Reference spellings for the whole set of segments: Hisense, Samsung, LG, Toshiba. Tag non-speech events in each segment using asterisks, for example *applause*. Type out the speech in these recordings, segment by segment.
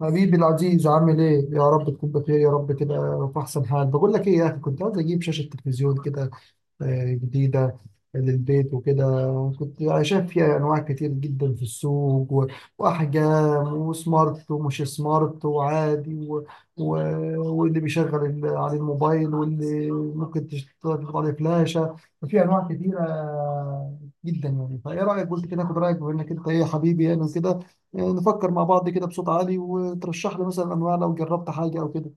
حبيبي العزيز عامل ايه؟ يا رب تكون بخير، يا رب كده في احسن حال. بقول لك ايه يا اخي، كنت عايز اجيب شاشة تلفزيون كده، جديدة للبيت وكده. كنت شايف فيها أنواع كتير جدا في السوق وأحجام، وسمارت ومش سمارت وعادي و... واللي بيشغل على الموبايل، واللي ممكن تشتغل عليه فلاشة. ففي أنواع كتيرة جدا يعني. فإيه رأيك؟ قلت كده آخد رأيك، بما إنك أنت إيه حبيبي يعني، وكده. نفكر مع بعض كده بصوت عالي، وترشح لي مثلا أنواع لو جربت حاجة أو كده.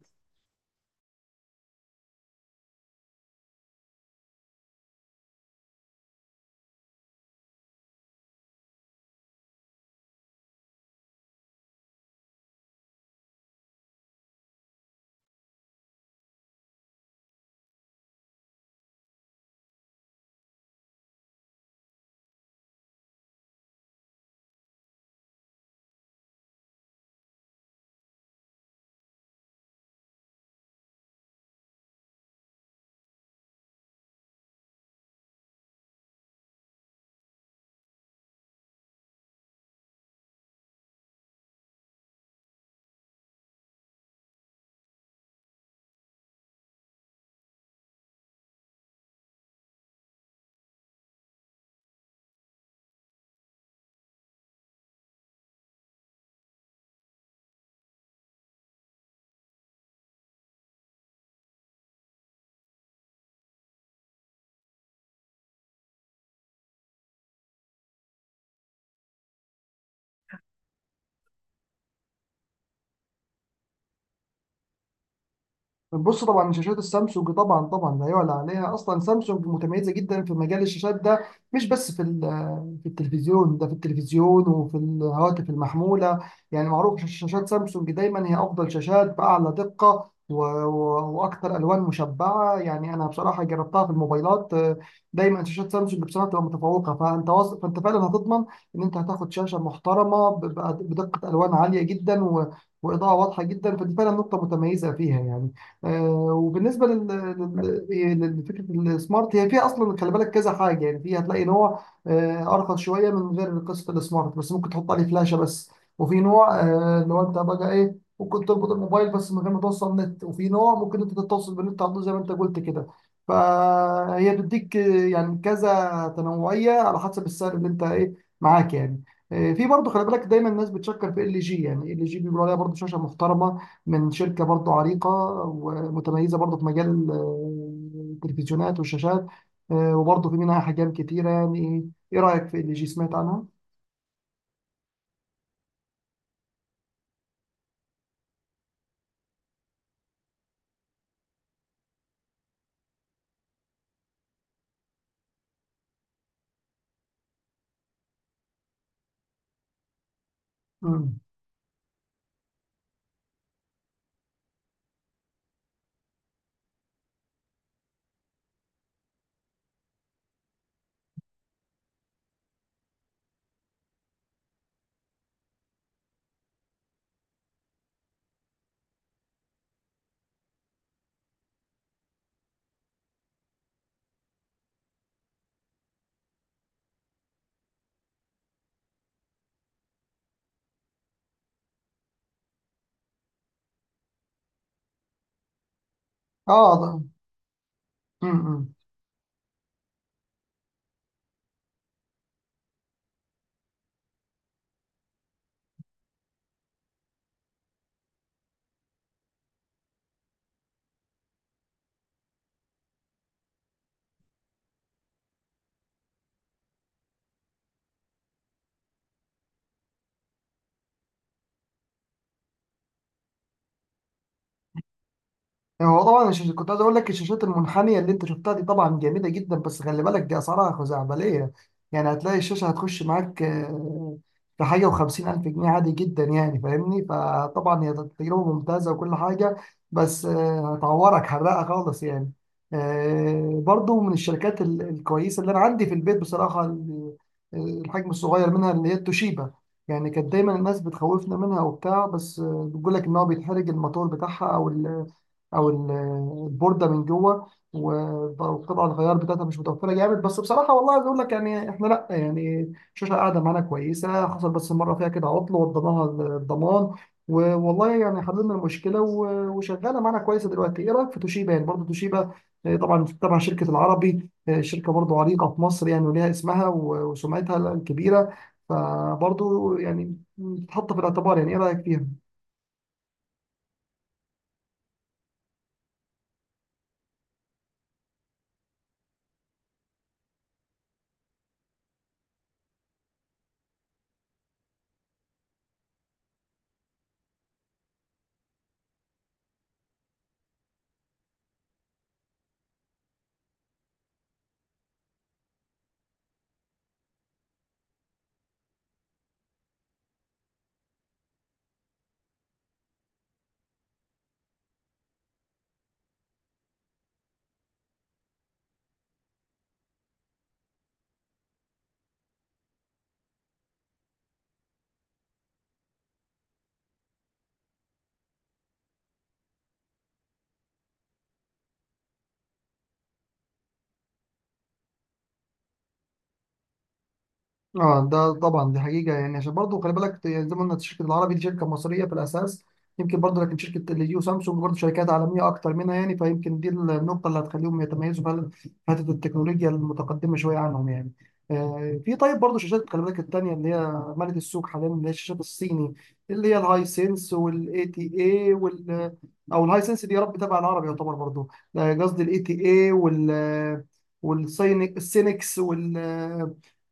بص، طبعا شاشات السامسونج طبعا طبعا لا يعلى عليها اصلا. سامسونج متميزه جدا في مجال الشاشات ده، مش بس في التلفزيون. ده في التلفزيون وفي الهواتف المحموله، يعني معروف شاشات سامسونج دايما هي افضل شاشات، باعلى دقه واكثر الوان مشبعه. يعني انا بصراحه جربتها في الموبايلات، دايما شاشات سامسونج بصراحه بتبقى متفوقه. فانت فانت فعلا هتضمن ان انت هتاخد شاشه محترمه بدقه الوان عاليه جدا واضاءه واضحه جدا. فدي فعلا نقطه متميزه فيها يعني. وبالنسبه لفكره السمارت، هي فيها اصلا خلي بالك كذا حاجه. يعني فيها هتلاقي نوع ارخص شويه من غير قصه السمارت، بس ممكن تحط عليه فلاشه بس. وفي نوع اللي هو انت بقى ايه، ممكن تربط الموبايل بس من غير ما توصل نت. وفي نوع ممكن انت تتصل بالنت على طول زي ما انت قلت كده. فهي بتديك يعني كذا تنوعيه على حسب السعر اللي انت ايه معاك يعني. في برضه خلي بالك، دايما الناس بتشكر في ال جي. يعني ال جي بيقولوا عليها برضه شاشه محترمه من شركه برضه عريقه، ومتميزة برضه في مجال التلفزيونات والشاشات. وبرضه في منها حاجات كتيرة يعني. إيه رأيك في اللي جي، سمعت عنها؟ مم. آه ده. مم. مم. هو طبعا كنت عايز اقول لك، الشاشات المنحنيه اللي انت شفتها دي طبعا جميله جدا، بس خلي بالك دي اسعارها خزعبليه. يعني هتلاقي الشاشه هتخش معاك في حاجه وخمسين الف جنيه عادي جدا يعني، فاهمني؟ فطبعا هي تجربه ممتازه وكل حاجه، بس هتعورك حرقه خالص يعني. برضو من الشركات الكويسه اللي انا عندي في البيت بصراحه، الحجم الصغير منها اللي هي التوشيبا. يعني كانت دايما الناس بتخوفنا منها وبتاع، بس بتقول لك ان هو بيتحرق الموتور بتاعها او البورده من جوه. وبتبقى الغيار بتاعتها مش متوفره جامد. بس بصراحه والله عايز اقول لك يعني، احنا لا، يعني الشاشه قاعده معانا كويسه، حصل بس مره فيها كده عطل وضناها الضمان والله يعني حللنا المشكله، وشغاله معانا كويسه دلوقتي. ايه رايك في توشيبا يعني؟ برضه توشيبا، طبعا طبعا شركه العربي، شركه برضه عريقه في مصر يعني، وليها اسمها وسمعتها الكبيره. فبرضه يعني تتحط في الاعتبار. يعني ايه رايك فيها؟ اه ده طبعا، دي حقيقة يعني. عشان برضه خلي بالك يعني، زي ما قلنا الشركة العربي دي شركة مصرية في الأساس يمكن برضه، لكن شركة ال جي وسامسونج برضه شركات عالمية أكتر منها يعني. فيمكن دي النقطة اللي هتخليهم يتميزوا فعلا في حتة التكنولوجيا المتقدمة شوية عنهم يعني. في، طيب برضه شاشات خلي بالك التانية اللي هي مالت السوق حاليا، اللي هي الشاشات الصيني، اللي هي الهاي سينس والاي تي اي وال أو الهاي سينس دي يا رب تبع العربي يعتبر برضه. قصدي الاي تي اي والسينك السينكس،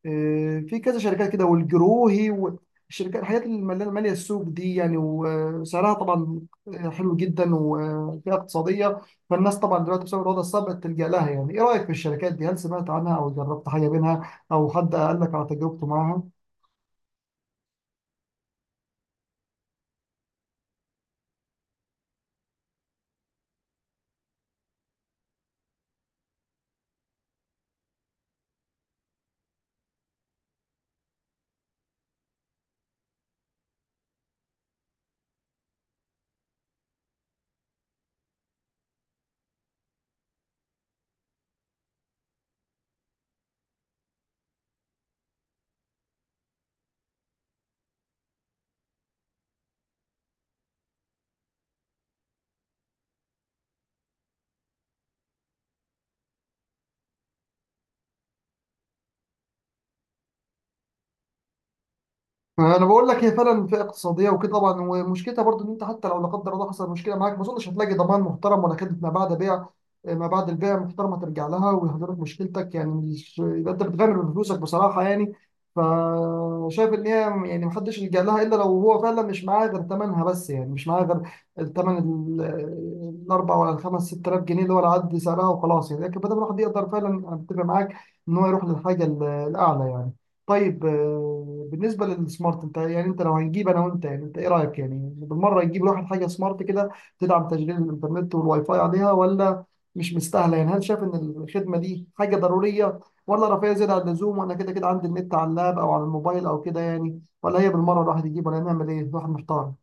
في كذا شركات كده، والجروهي والشركات، الحاجات اللي ماليه السوق دي يعني. وسعرها طبعا حلو جدا وفيها اقتصاديه. فالناس طبعا دلوقتي بسبب الوضع الصعب بتلجأ لها يعني. ايه رايك في الشركات دي، هل سمعت عنها او جربت حاجه منها او حد قال لك على تجربته معاها؟ انا بقول لك هي فعلا فئه اقتصاديه وكده طبعا، ومشكلتها برضو ان انت حتى لو لا قدر الله حصل مشكله معاك، ما اظنش هتلاقي ضمان محترم ولا كده، ما بعد بيع، ما بعد البيع محترمه ترجع لها ويهدر لك مشكلتك يعني. مش يبقى انت بتغامر بفلوسك بصراحه يعني. فشايف ان هي يعني محدش يلجأ لها الا لو هو فعلا مش معاه غير ثمنها بس، يعني مش معاه غير الثمن الاربع ولا الخمس ست آلاف جنيه اللي هو العد سعرها وخلاص يعني. لكن بدل ما الواحد يقدر فعلا، انا بتفق معاك ان هو يروح للحاجه الاعلى يعني. طيب بالنسبة للسمارت، انت يعني، انت لو هنجيب انا وانت يعني، انت ايه رأيك؟ يعني بالمرة نجيب الواحد حاجة سمارت كده تدعم تشغيل الانترنت والواي فاي عليها، ولا مش مستاهلة يعني؟ هل شايف ان الخدمة دي حاجة ضرورية، ولا رفاهية زيادة عن اللزوم، وانا كده كده عندي النت على اللاب او على الموبايل او كده يعني؟ ولا هي بالمرة الواحد يجيب، ولا نعمل ايه؟ الواحد محتار.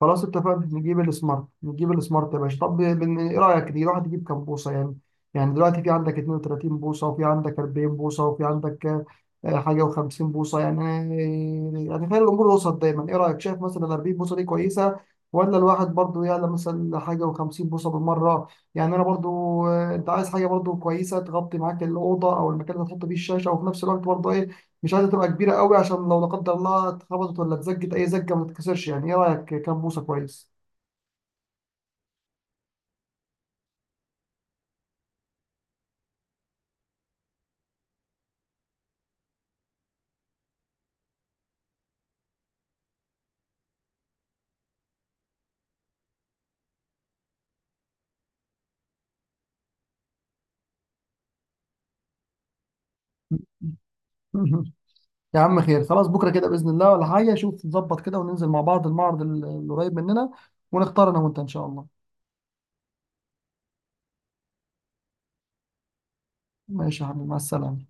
خلاص، اتفقنا نجيب السمارت. نجيب السمارت يا باشا. طب ايه رايك، دي الواحد يجيب كام بوصه يعني؟ يعني دلوقتي في عندك 32 بوصه، وفي عندك 40 بوصه، وفي عندك حاجه و50 بوصه يعني. يعني خلي الامور وسط دايما. ايه رايك، شايف مثلا ال 40 بوصه دي كويسه، ولا الواحد برضو يعلى مثلا حاجه و50 بوصه بالمره؟ يعني انا برضو، انت عايز حاجه برضو كويسه تغطي معاك الاوضه او المكان اللي هتحط فيه الشاشه، وفي نفس الوقت برضو إيه، مش عايزه تبقى كبيره قوي عشان لو لا قدر الله اتخبطت ولا اتزجت اي زجه ما تتكسرش يعني. ايه رايك، كام بوصه كويس؟ *laughs* يا عم خير، خلاص بكره كده باذن الله ولا حاجه. شوف نظبط كده وننزل مع بعض المعرض القريب مننا، ونختار انا وانت ان شاء الله. ماشي يا حبيبي، مع السلامه.